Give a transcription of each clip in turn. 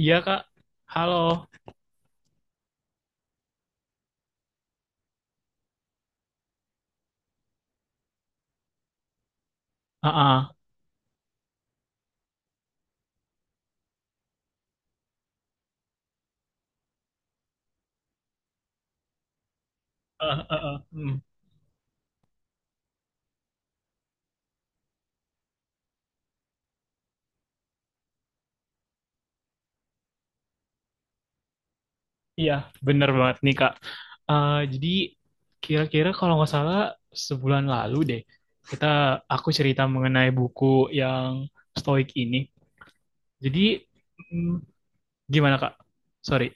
Iya kak, halo. Ah, ah. Ah, ah, ah. Hmm. Iya, bener banget nih kak. Jadi kira-kira kalau nggak salah sebulan lalu deh, kita aku cerita mengenai buku yang Stoik ini. Jadi hmm, gimana kak? Sorry.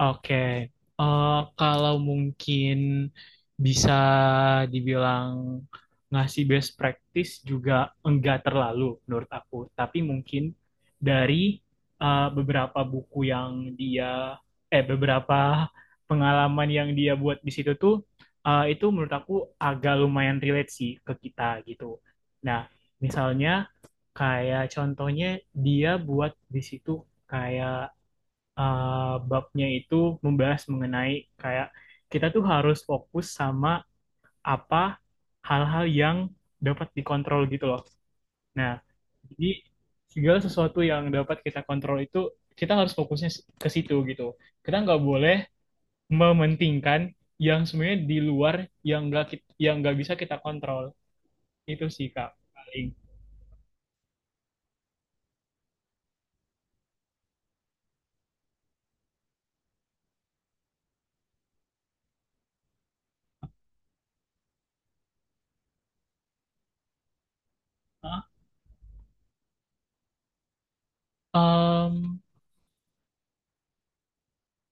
Oke, kalau mungkin bisa dibilang ngasih best practice juga enggak terlalu menurut aku, tapi mungkin dari beberapa buku yang dia, beberapa pengalaman yang dia buat di situ tuh, itu menurut aku agak lumayan relate sih ke kita gitu. Nah, misalnya kayak contohnya dia buat di situ kayak babnya itu membahas mengenai kayak kita tuh harus fokus sama apa hal-hal yang dapat dikontrol gitu loh. Nah, jadi segala sesuatu yang dapat kita kontrol itu kita harus fokusnya ke situ gitu. Kita nggak boleh mementingkan yang sebenarnya di luar yang nggak yang nggak bisa kita kontrol. Itu sih Kak paling. Hah?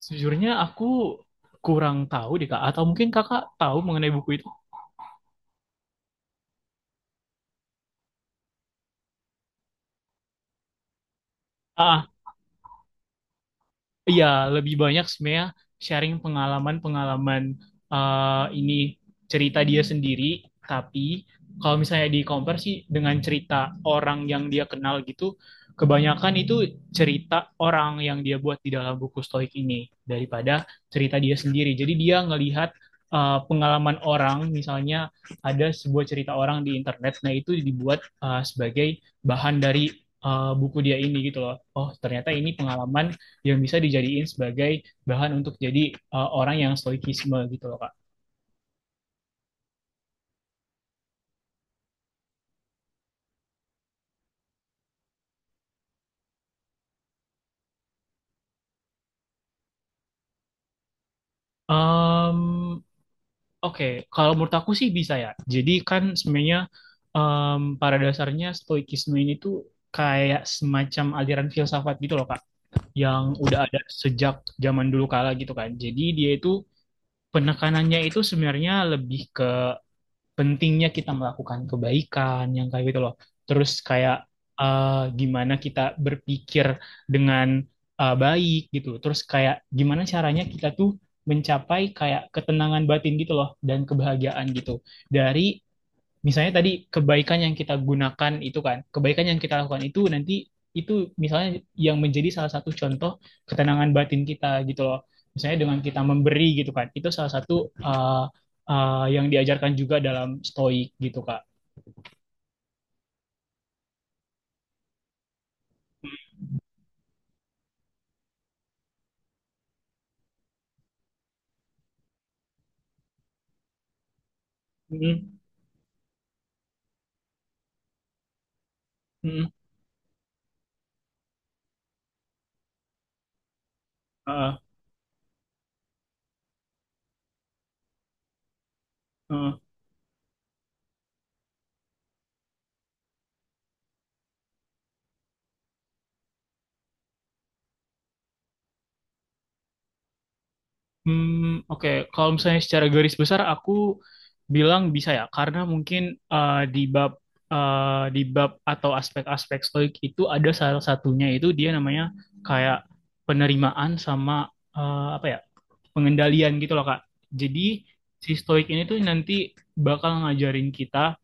Sejujurnya aku kurang tahu deh Kak, atau mungkin Kakak tahu mengenai buku itu? Ah, ah. Iya, lebih banyak sebenarnya sharing pengalaman-pengalaman ini cerita dia sendiri. Tapi kalau misalnya di compare sih dengan cerita orang yang dia kenal gitu, kebanyakan itu cerita orang yang dia buat di dalam buku Stoik ini daripada cerita dia sendiri. Jadi dia ngelihat pengalaman orang, misalnya ada sebuah cerita orang di internet, nah itu dibuat sebagai bahan dari buku dia ini gitu loh. Oh, ternyata ini pengalaman yang bisa dijadiin sebagai bahan untuk jadi orang yang stoikisme gitu loh Kak. Em, Oke, kalau menurut aku sih bisa ya. Jadi kan sebenarnya pada dasarnya stoikisme ini tuh kayak semacam aliran filsafat gitu loh Kak, yang udah ada sejak zaman dulu kala gitu kan. Jadi dia itu penekanannya itu sebenarnya lebih ke pentingnya kita melakukan kebaikan yang kayak gitu loh. Terus kayak gimana kita berpikir dengan baik gitu. Terus kayak gimana caranya kita tuh mencapai kayak ketenangan batin gitu loh dan kebahagiaan gitu dari misalnya tadi kebaikan yang kita gunakan itu kan, kebaikan yang kita lakukan itu nanti itu misalnya yang menjadi salah satu contoh ketenangan batin kita gitu loh. Misalnya dengan kita memberi gitu kan, itu salah satu uh, yang diajarkan juga dalam stoik gitu Kak. Mm, mm, uh, uh. Hmm, oke. Kalau misalnya secara garis besar aku bilang bisa ya, karena mungkin eh, di bab di bab atau aspek-aspek stoik itu ada salah satunya itu dia namanya kayak penerimaan sama apa ya pengendalian gitu loh Kak. Jadi si stoik ini tuh nanti bakal ngajarin kita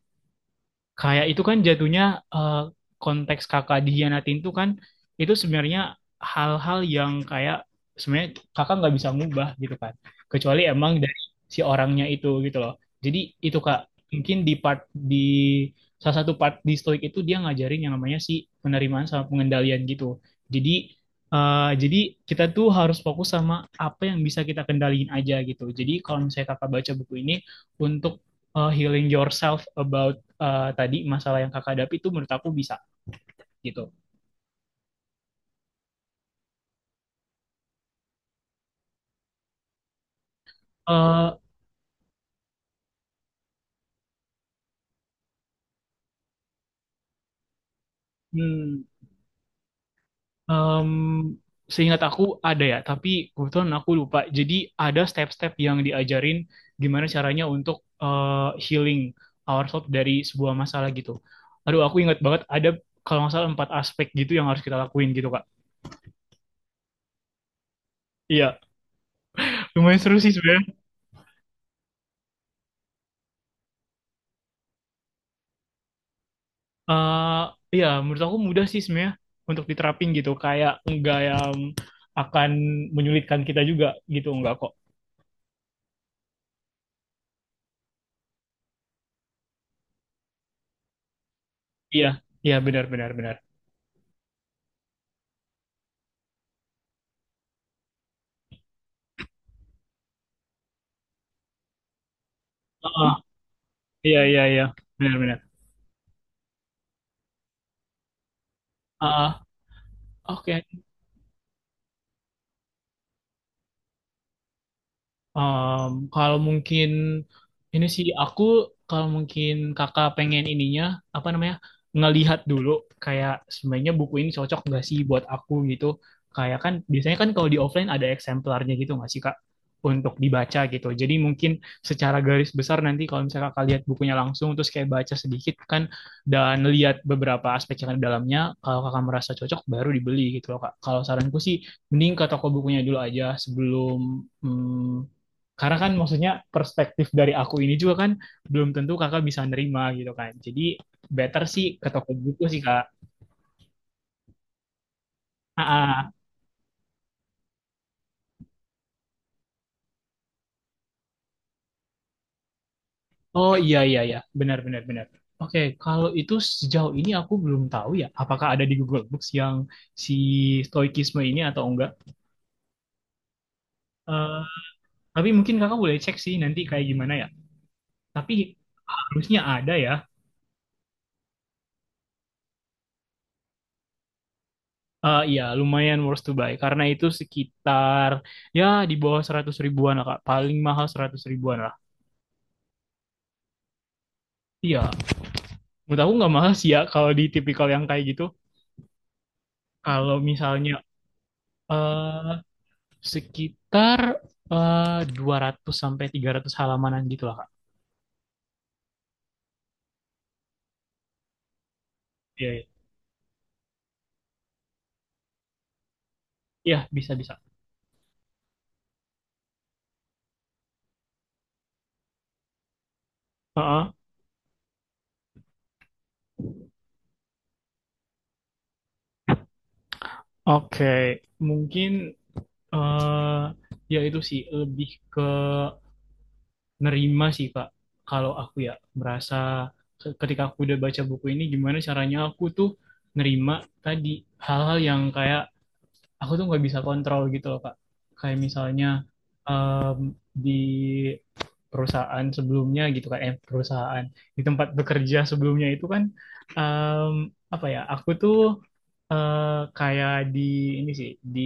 kayak itu kan jatuhnya eh, konteks kakak dihianatin tuh kan itu sebenarnya hal-hal yang kayak sebenarnya kakak nggak bisa ngubah gitu kan, kecuali emang dari si orangnya itu gitu loh. Jadi itu kak, mungkin di salah satu part di stoik itu dia ngajarin yang namanya si penerimaan sama pengendalian gitu. Jadi jadi kita tuh harus fokus sama apa yang bisa kita kendaliin aja gitu. Jadi kalau misalnya kakak baca buku ini untuk healing yourself about tadi masalah yang kakak hadapi itu menurut aku bisa gitu. Eh, hmm, em, Seingat aku ada ya, tapi kebetulan aku lupa. Jadi ada step-step yang diajarin gimana caranya untuk eh, healing ourselves dari sebuah masalah gitu. Aduh, aku ingat banget ada kalau nggak salah empat aspek gitu yang harus kita lakuin gitu, Kak. Iya, lumayan seru sih sebenarnya. Eh, iya, menurut aku mudah sih sebenarnya untuk diterapin gitu. Kayak nggak yang akan menyulitkan kita juga gitu, nggak kok. Iya, iya benar benar benar. Ah, iya iya iya, benar benar. Ah, oke. Kalau mungkin ini sih aku, kalau mungkin kakak pengen ininya apa namanya ngelihat dulu kayak sebenarnya buku ini cocok nggak sih buat aku gitu. Kayak kan biasanya kan kalau di offline ada eksemplarnya gitu nggak sih kak untuk dibaca gitu. Jadi mungkin secara garis besar nanti kalau misalnya kakak lihat bukunya langsung terus kayak baca sedikit kan dan lihat beberapa aspek yang ada di dalamnya, kalau kakak merasa cocok baru dibeli gitu loh kak. Kalau saranku sih mending ke toko bukunya dulu aja sebelum hmm, karena kan maksudnya perspektif dari aku ini juga kan belum tentu kakak bisa nerima gitu kan. Jadi better sih ke toko buku sih kak. Ah, ah. Oh, iya iya iya, benar benar benar. Oke, kalau itu sejauh ini aku belum tahu ya apakah ada di Google Books yang si stoikisme ini atau enggak. Eh, tapi mungkin kakak boleh cek sih nanti kayak gimana ya. Tapi harusnya ada ya. Iya, lumayan worth to buy karena itu sekitar ya di bawah 100 ribuan lah kak. Paling mahal 100 ribuan lah. Iya, menurut aku nggak mahal sih ya kalau di tipikal yang kayak gitu. Kalau misalnya eh sekitar 200 sampai 300 halamanan gitu lah, Kak. Iya, iya. Iya, bisa bisa. Heeh. Oke, mungkin eh ya itu sih lebih ke nerima sih, Kak. Kalau aku ya merasa ketika aku udah baca buku ini gimana caranya aku tuh nerima tadi hal-hal yang kayak aku tuh nggak bisa kontrol gitu loh Kak. Kayak misalnya em, di perusahaan sebelumnya gitu kan, perusahaan di tempat bekerja sebelumnya itu kan em, apa ya? Aku tuh eh, kayak di ini sih di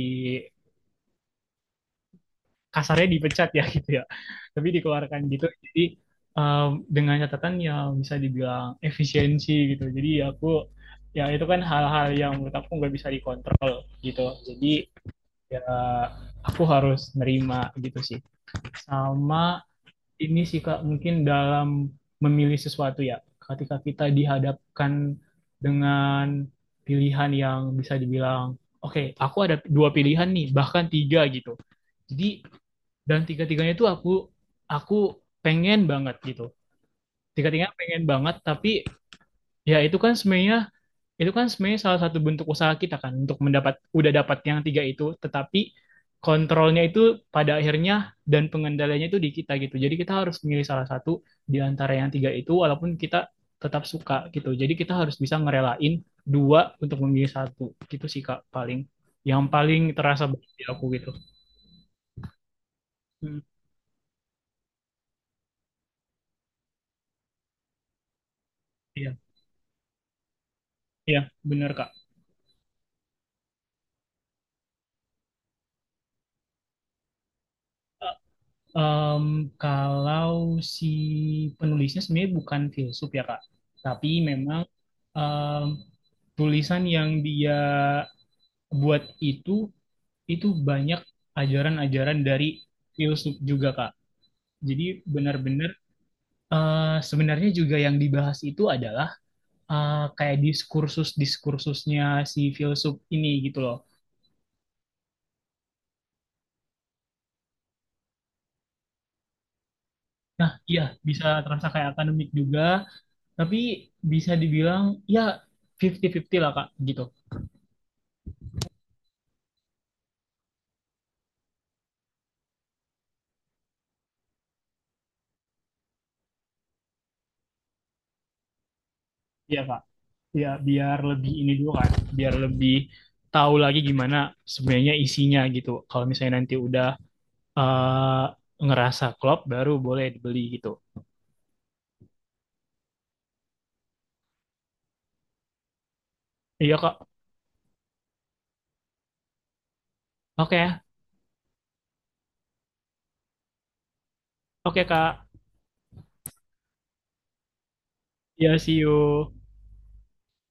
kasarnya dipecat ya gitu ya, tapi dikeluarkan gitu. Jadi em, dengan catatan yang bisa dibilang efisiensi gitu. Jadi aku ya itu kan hal-hal yang menurut aku nggak bisa dikontrol gitu. Jadi ya aku harus nerima gitu sih, sama ini sih kak mungkin dalam memilih sesuatu ya ketika kita dihadapkan dengan pilihan yang bisa dibilang oke okay, aku ada dua pilihan nih bahkan tiga gitu. Jadi dan tiga tiganya itu aku pengen banget gitu, tiga tiganya pengen banget tapi ya itu kan sebenarnya salah satu bentuk usaha kita kan untuk udah dapat yang tiga itu, tetapi kontrolnya itu pada akhirnya dan pengendaliannya itu di kita gitu. Jadi kita harus memilih salah satu di antara yang tiga itu walaupun kita tetap suka gitu. Jadi kita harus bisa ngerelain dua untuk memilih satu. Gitu sih Kak paling yang paling terasa bagi aku gitu. Hmm, iya, iya benar Kak. Em, Kalau si penulisnya sebenarnya bukan filsuf ya Kak, tapi memang em, tulisan yang dia buat itu itu banyak ajaran-ajaran dari filsuf juga Kak. Jadi benar-benar sebenarnya juga yang dibahas itu adalah kayak diskursus-diskursusnya si filsuf ini gitu loh. Nah, iya bisa terasa kayak akademik juga, tapi bisa dibilang ya 50-50 lah Kak gitu. Iya Kak, ya biar lebih ini dulu kan, biar lebih tahu lagi gimana sebenarnya isinya gitu. Kalau misalnya nanti udah eh, ngerasa klop, baru boleh dibeli gitu. Iya Kak, oke, ya. Oke Kak, ya see you.